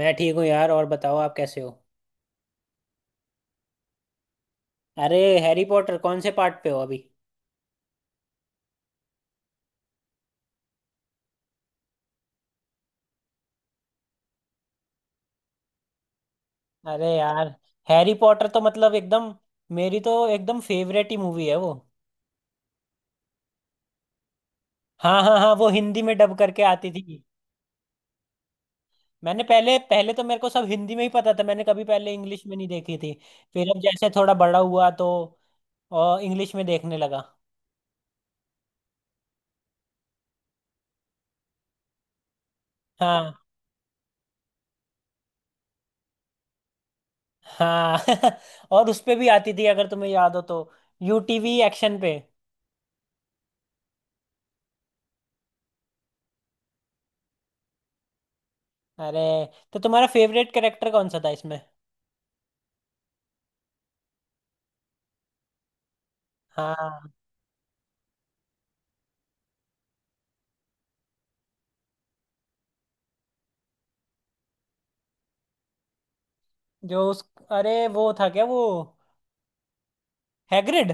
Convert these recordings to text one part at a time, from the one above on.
मैं ठीक हूँ यार। और बताओ, आप कैसे हो? अरे, हैरी पॉटर कौन से पार्ट पे हो अभी? अरे यार, हैरी पॉटर तो मतलब एकदम, मेरी तो एकदम फेवरेट ही मूवी है वो। हाँ हाँ हाँ, वो हिंदी में डब करके आती थी। मैंने पहले पहले तो मेरे को सब हिंदी में ही पता था, मैंने कभी पहले इंग्लिश में नहीं देखी थी। फिर अब जैसे थोड़ा बड़ा हुआ तो और इंग्लिश में देखने लगा। हाँ हाँ और उस पे भी आती थी अगर तुम्हें याद हो तो, यूटीवी एक्शन पे। अरे, तो तुम्हारा फेवरेट कैरेक्टर कौन सा था इसमें? हाँ। जो उस अरे, वो था क्या वो, हैग्रिड?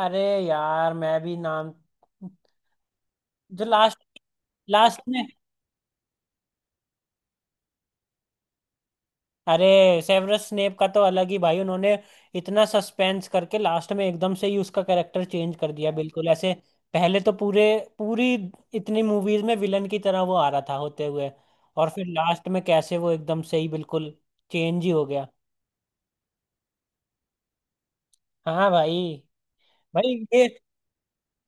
अरे यार, मैं भी नाम जो लास्ट लास्ट में, अरे सेवरस स्नेप का तो अलग ही भाई, उन्होंने इतना सस्पेंस करके लास्ट में एकदम से ही उसका कैरेक्टर चेंज कर दिया, बिल्कुल ऐसे। पहले तो पूरे पूरी इतनी मूवीज में विलन की तरह वो आ रहा था होते हुए, और फिर लास्ट में कैसे वो एकदम से ही बिल्कुल चेंज ही हो गया। हाँ भाई। भाई ये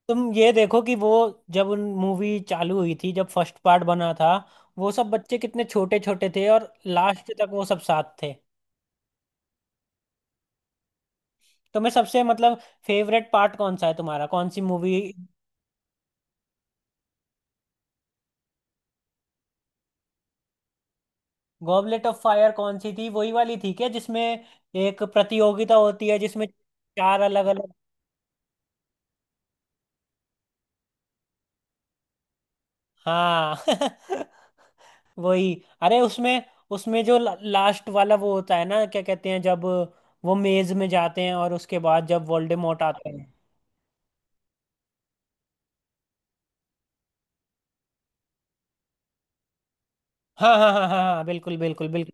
तुम ये देखो कि वो, जब उन मूवी चालू हुई थी, जब फर्स्ट पार्ट बना था, वो सब बच्चे कितने छोटे छोटे थे और लास्ट तक वो सब साथ थे। तुम्हें सबसे मतलब फेवरेट पार्ट कौन सा है तुम्हारा, कौन सी मूवी? गॉबलेट ऑफ फायर कौन सी थी? वही वाली थी क्या जिसमें एक प्रतियोगिता होती है जिसमें चार अलग अलग। हाँ वही। अरे उसमें, उसमें जो लास्ट वाला वो होता है ना, क्या कहते हैं, जब वो मेज में जाते हैं और उसके बाद जब वोल्डेमॉर्ट आता है। हाँ हाँ हाँ हाँ हाँ, बिल्कुल बिल्कुल बिल्कुल।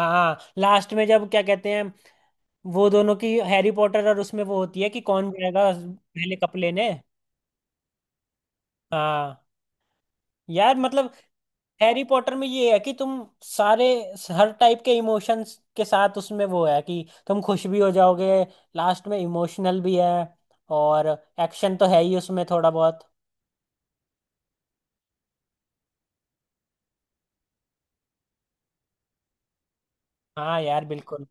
हाँ हाँ, लास्ट में, जब क्या कहते हैं, वो दोनों की हैरी पॉटर और उसमें वो होती है कि कौन जाएगा पहले कप लेने। हाँ, यार मतलब हैरी पॉटर में ये है कि तुम सारे हर टाइप के इमोशंस के साथ, उसमें वो है कि तुम खुश भी हो जाओगे, लास्ट में इमोशनल भी है, और एक्शन तो है ही उसमें थोड़ा बहुत। हाँ यार, बिल्कुल।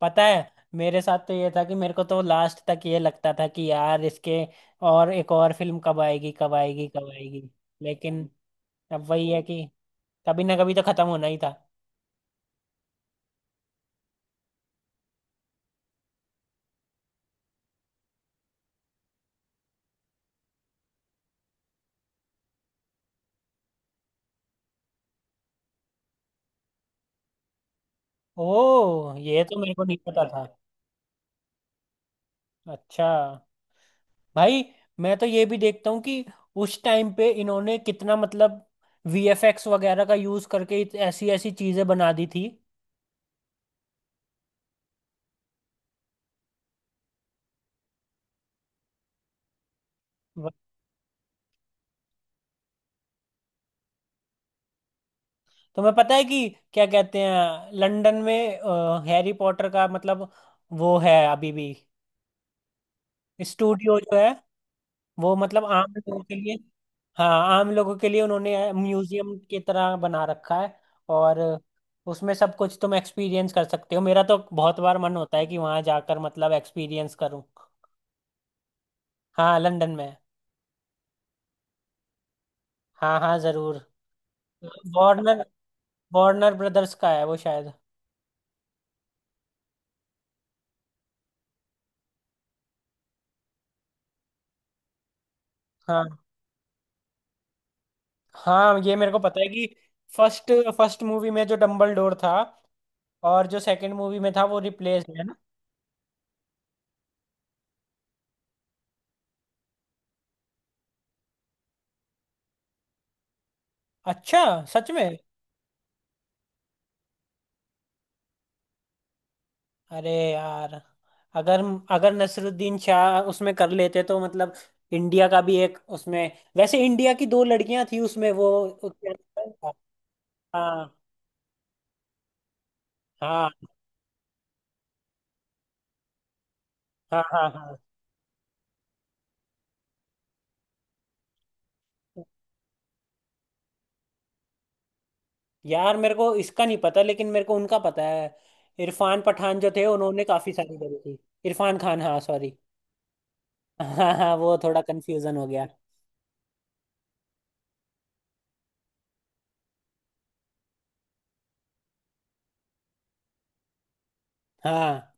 पता है, मेरे साथ तो ये था कि मेरे को तो लास्ट तक ये लगता था कि यार इसके और एक और फिल्म कब आएगी, कब आएगी, कब आएगी। लेकिन अब वही है कि कभी ना कभी तो खत्म होना ही था। ओ, ये तो मेरे को नहीं पता था। अच्छा, भाई मैं तो ये भी देखता हूँ कि उस टाइम पे इन्होंने कितना, मतलब वीएफएक्स वगैरह का यूज करके ऐसी ऐसी चीजें बना दी थी। तुम्हें पता है कि क्या कहते हैं, लंदन में हैरी पॉटर का मतलब वो है अभी भी, स्टूडियो जो है वो, मतलब आम लोगों के लिए, हाँ आम लोगों के लिए उन्होंने म्यूजियम की तरह बना रखा है। और उसमें सब कुछ तुम एक्सपीरियंस कर सकते हो, मेरा तो बहुत बार मन होता है कि वहां जाकर मतलब एक्सपीरियंस करूँ। हाँ लंदन में। हाँ हाँ जरूर। वार्नर, वार्नर ब्रदर्स का है वो शायद। हाँ हाँ, ये मेरे को पता है कि फर्स्ट फर्स्ट मूवी में जो डम्बलडोर था, और जो सेकंड मूवी में था, वो रिप्लेस्ड है ना। अच्छा, सच में? अरे यार, अगर अगर नसरुद्दीन शाह उसमें कर लेते तो मतलब इंडिया का भी एक उसमें। वैसे इंडिया की दो लड़कियां थी उसमें वो क्या नाम था? हाँ हाँ हाँ हाँ हाँ। यार मेरे को इसका नहीं पता, लेकिन मेरे को उनका पता है, इरफान पठान जो थे, उन्होंने काफी सारी करी थी। इरफान खान हाँ सॉरी। हाँ हाँ, वो थोड़ा कंफ्यूजन हो गया। हाँ।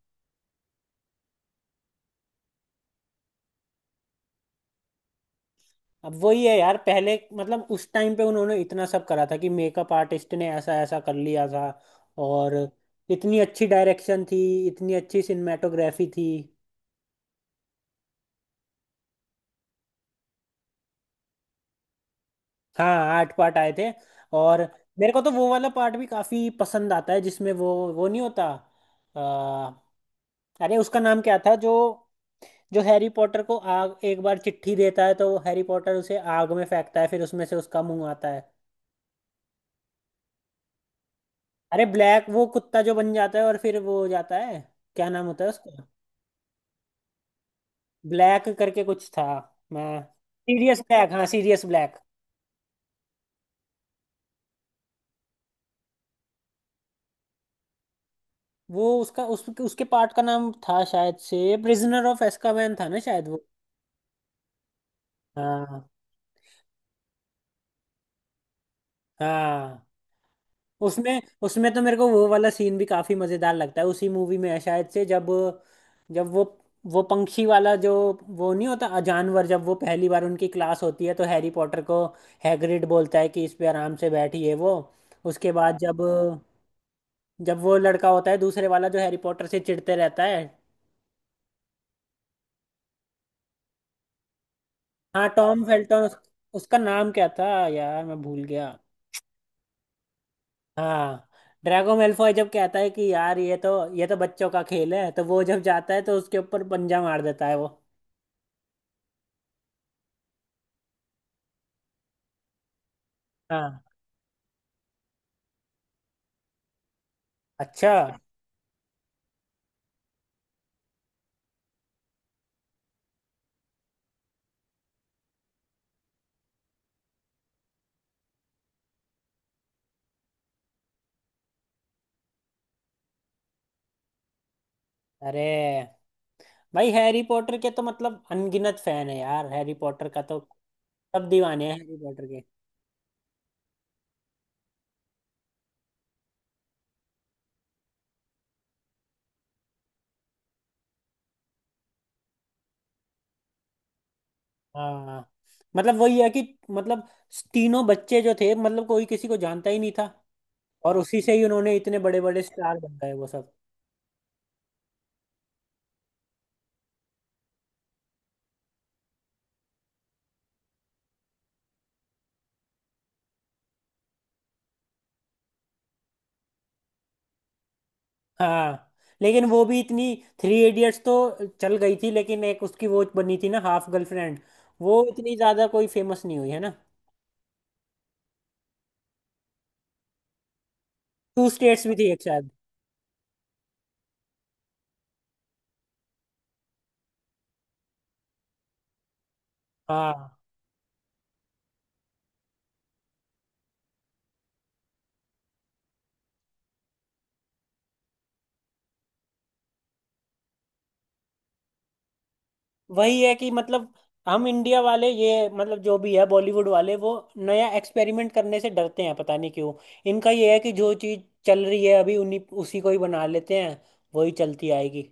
अब वही है यार, पहले मतलब उस टाइम पे उन्होंने इतना सब करा था कि मेकअप आर्टिस्ट ने ऐसा ऐसा कर लिया था। और इतनी अच्छी डायरेक्शन थी, इतनी अच्छी सिनेमेटोग्राफी थी। हाँ 8 पार्ट आए थे। और मेरे को तो वो वाला पार्ट भी काफी पसंद आता है, जिसमें वो नहीं होता, आ, अरे उसका नाम क्या था, जो, जो हैरी पॉटर को आग एक बार चिट्ठी देता है, तो हैरी पॉटर उसे आग में फेंकता है, फिर उसमें से उसका मुंह आता है। अरे ब्लैक, वो कुत्ता जो बन जाता है और फिर वो हो जाता है, क्या नाम होता है उसका, ब्लैक करके कुछ था, मैं। सीरियस ब्लैक, हाँ सीरियस ब्लैक। वो उसका उसके पार्ट का नाम था शायद से प्रिजनर ऑफ एस्कावेन था ना शायद वो। हाँ हाँ। उसमें, उसमें तो मेरे को वो वाला सीन भी काफी मजेदार लगता है, उसी मूवी में है शायद से, जब, जब वो पंक्षी वाला जो, वो नहीं होता जानवर, जब वो पहली बार उनकी क्लास होती है तो हैरी पॉटर को, हैग्रिड बोलता है कि इस पे आराम से बैठिए वो। उसके बाद जब, जब वो लड़का होता है दूसरे वाला जो हैरी पॉटर से चिढ़ते रहता है। हाँ टॉम फेल्टन, उसका नाम क्या था यार, मैं भूल गया। हाँ, ड्रैगो मेल्फॉय जब कहता है कि यार ये तो, ये तो बच्चों का खेल है, तो वो जब जाता है तो उसके ऊपर पंजा मार देता है वो। हाँ। अच्छा। अरे भाई, हैरी पॉटर के तो मतलब अनगिनत फैन है यार, हैरी पॉटर का तो सब दीवाने हैं हैरी पॉटर के। हाँ, मतलब वही है कि मतलब तीनों बच्चे जो थे, मतलब कोई किसी को जानता ही नहीं था, और उसी से ही उन्होंने इतने बड़े बड़े स्टार बन गए वो सब। हाँ, लेकिन वो भी इतनी, थ्री इडियट्स तो चल गई थी, लेकिन एक उसकी वो बनी थी ना, हाफ गर्लफ्रेंड, वो इतनी ज्यादा कोई फेमस नहीं हुई है ना। टू स्टेट्स भी थी एक शायद। हाँ, वही है कि मतलब हम इंडिया वाले, ये मतलब जो भी है बॉलीवुड वाले, वो नया एक्सपेरिमेंट करने से डरते हैं, पता नहीं क्यों। इनका ये है कि जो चीज चल रही है अभी, उन्हीं, उसी को ही बना लेते हैं, वही चलती आएगी।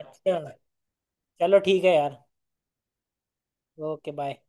अच्छा। चलो ठीक है यार। Okay bye.